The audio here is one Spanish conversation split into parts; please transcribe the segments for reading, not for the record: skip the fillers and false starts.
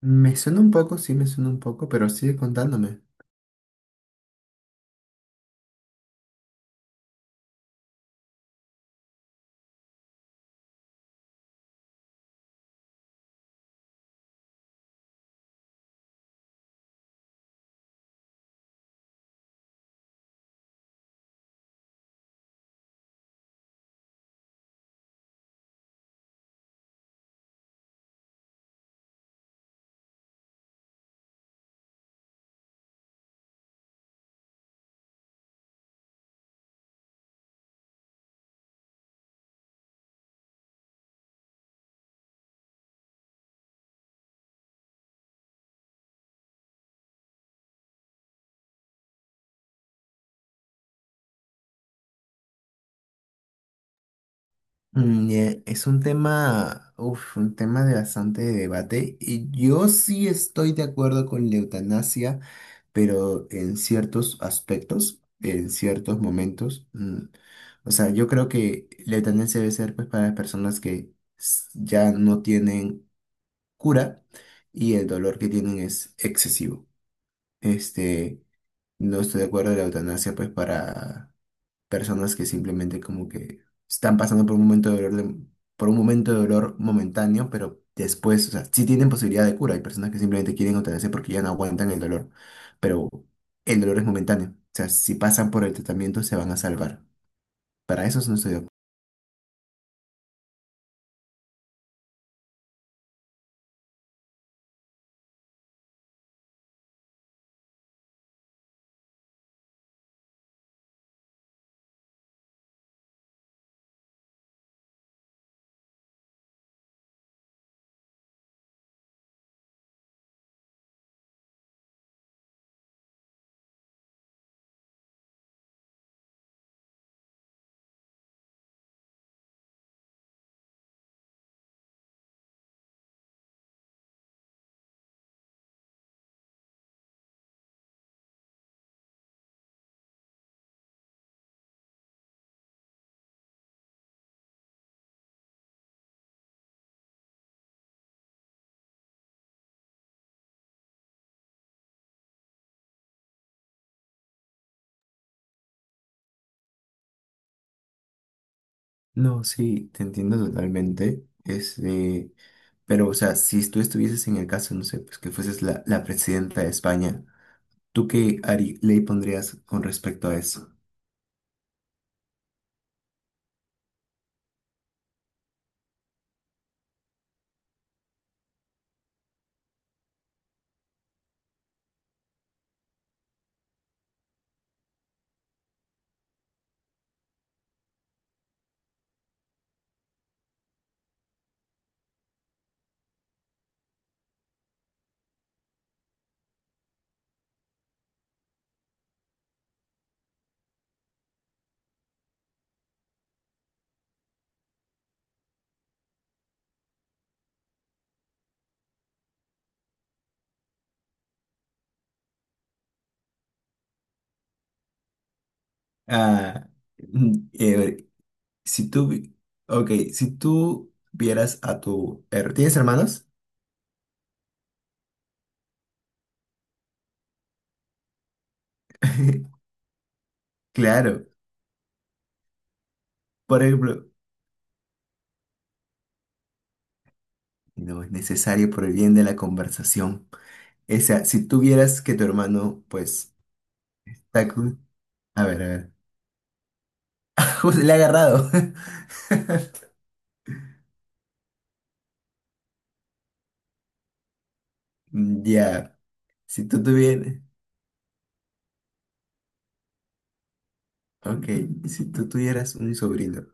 Me suena un poco, sí me suena un poco, pero sigue contándome. Es un tema, un tema de bastante debate, y yo sí estoy de acuerdo con la eutanasia, pero en ciertos aspectos, en ciertos momentos. O sea, yo creo que la eutanasia debe ser pues para las personas que ya no tienen cura y el dolor que tienen es excesivo. Este, no estoy de acuerdo en la eutanasia pues para personas que simplemente como que están pasando por un momento de dolor, por un momento de dolor momentáneo, pero después, o sea, sí tienen posibilidad de cura. Hay personas que simplemente quieren otenerse porque ya no aguantan el dolor, pero el dolor es momentáneo. O sea, si pasan por el tratamiento se van a salvar. Para eso no estoy de acuerdo. No, sí, te entiendo totalmente. Pero, o sea, si tú estuvieses en el caso, no sé, pues que fueses la presidenta de España, ¿tú qué Ari, ley pondrías con respecto a eso? Ah, mm, eh, si ok, si tú vieras a tu... ¿tienes hermanos? Claro, por ejemplo, no es necesario por el bien de la conversación. O sea, si tú vieras que tu hermano, pues, está cu- a ver, a ver. Justo le ha agarrado. Ya, si tú tuvieras... Ok, si tú tuvieras un sobrino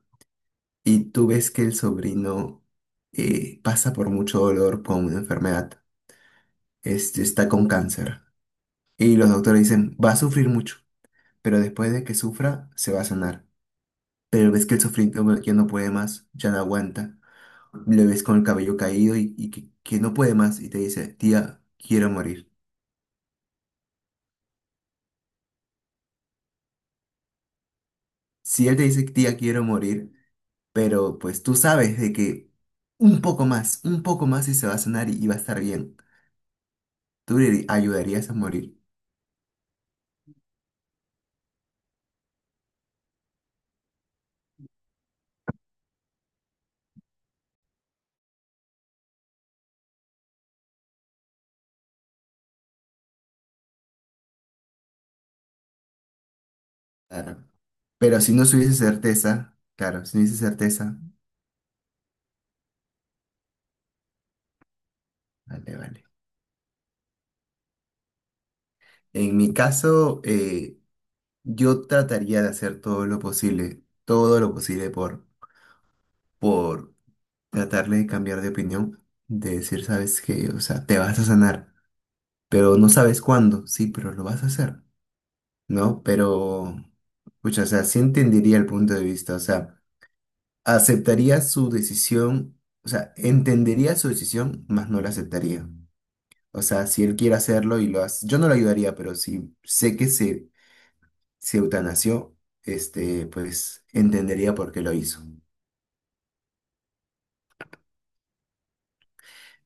y tú ves que el sobrino pasa por mucho dolor con una enfermedad, este está con cáncer. Y los doctores dicen, va a sufrir mucho, pero después de que sufra, se va a sanar. Pero ves que el sufrimiento ya no puede más, ya no aguanta. Le ves con el cabello caído y que no puede más y te dice, tía, quiero morir. Si él te dice, tía, quiero morir, pero pues tú sabes de que un poco más y se va a sanar y va a estar bien. Tú le ayudarías a morir. Claro. Pero si no hubiese certeza, claro, si no hubiese certeza, vale, vale. En mi caso, yo trataría de hacer todo lo posible por tratarle de cambiar de opinión, de decir, sabes que, o sea, te vas a sanar, pero no sabes cuándo, sí, pero lo vas a hacer, ¿no? Pero, pucha, o sea, sí entendería el punto de vista, o sea, aceptaría su decisión, o sea, entendería su decisión, más no la aceptaría. O sea, si él quiere hacerlo y lo hace, yo no lo ayudaría, pero si sé que se eutanasió, pues entendería por qué lo hizo.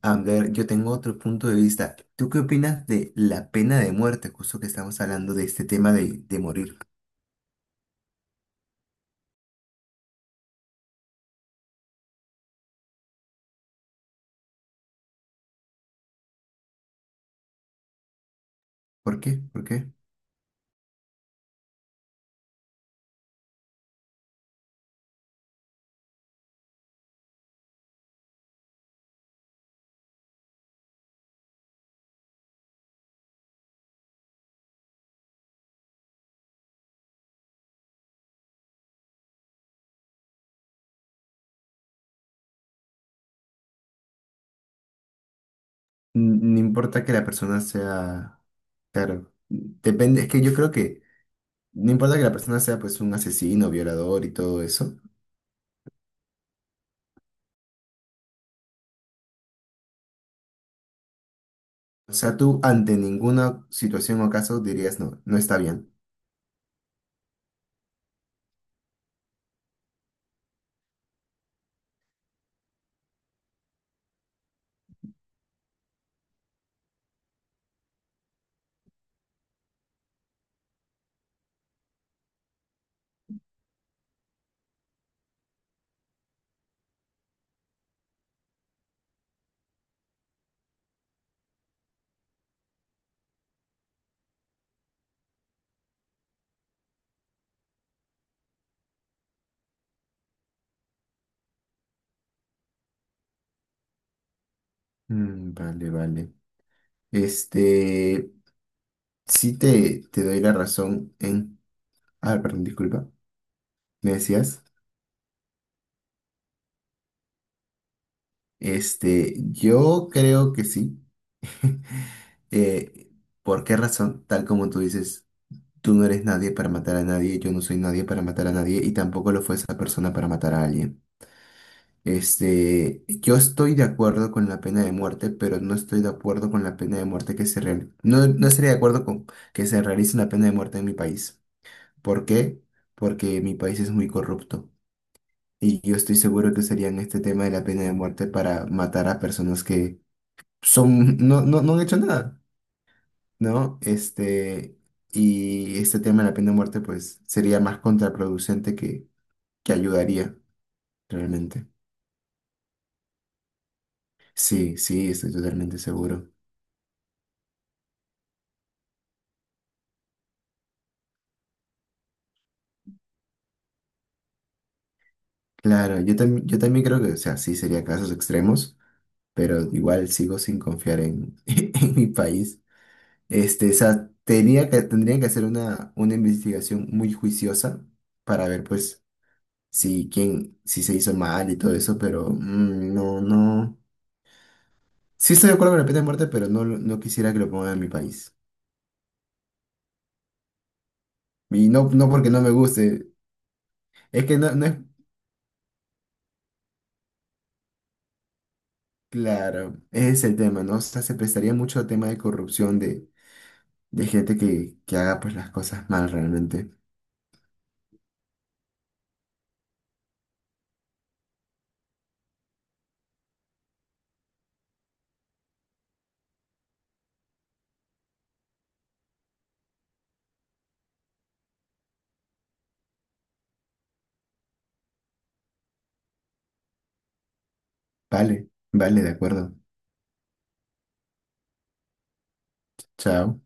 A ver, yo tengo otro punto de vista. ¿Tú qué opinas de la pena de muerte? Justo que estamos hablando de este tema de morir. ¿Por qué? ¿Por qué? No importa que la persona sea, claro, depende, es que yo creo que no importa que la persona sea pues un asesino, violador y todo eso. O sea, tú ante ninguna situación o caso dirías no, no está bien. Vale, vale. Este, Sí te doy la razón en... Ah, perdón, disculpa. ¿Me decías? Este, yo creo que sí. Eh, ¿Por qué razón? Tal como tú dices, tú no eres nadie para matar a nadie, yo no soy nadie para matar a nadie y tampoco lo fue esa persona para matar a alguien. Este, yo estoy de acuerdo con la pena de muerte, pero no estoy de acuerdo con la pena de muerte que se realice. No, no estaría de acuerdo con que se realice una pena de muerte en mi país. ¿Por qué? Porque mi país es muy corrupto. Y yo estoy seguro que usarían este tema de la pena de muerte para matar a personas que son, no, no, no han hecho nada, ¿no? Este, y este tema de la pena de muerte, pues, sería más contraproducente que ayudaría, realmente. Sí, sí, estoy totalmente seguro. Claro, yo también creo que, o sea, sí sería casos extremos, pero igual sigo sin confiar en, en mi país. Este, o sea, tenía que, tendrían que hacer una investigación muy juiciosa para ver, pues, sí, quién, sí se hizo mal y todo eso, pero no, no. Sí estoy de acuerdo con la pena de muerte, pero no, no quisiera que lo pongan en mi país. Y no, no porque no me guste, es que no, no es claro, ese es el tema, ¿no? O sea, se prestaría mucho a tema de corrupción de gente que haga pues las cosas mal realmente. Vale, vale, de acuerdo. Chao.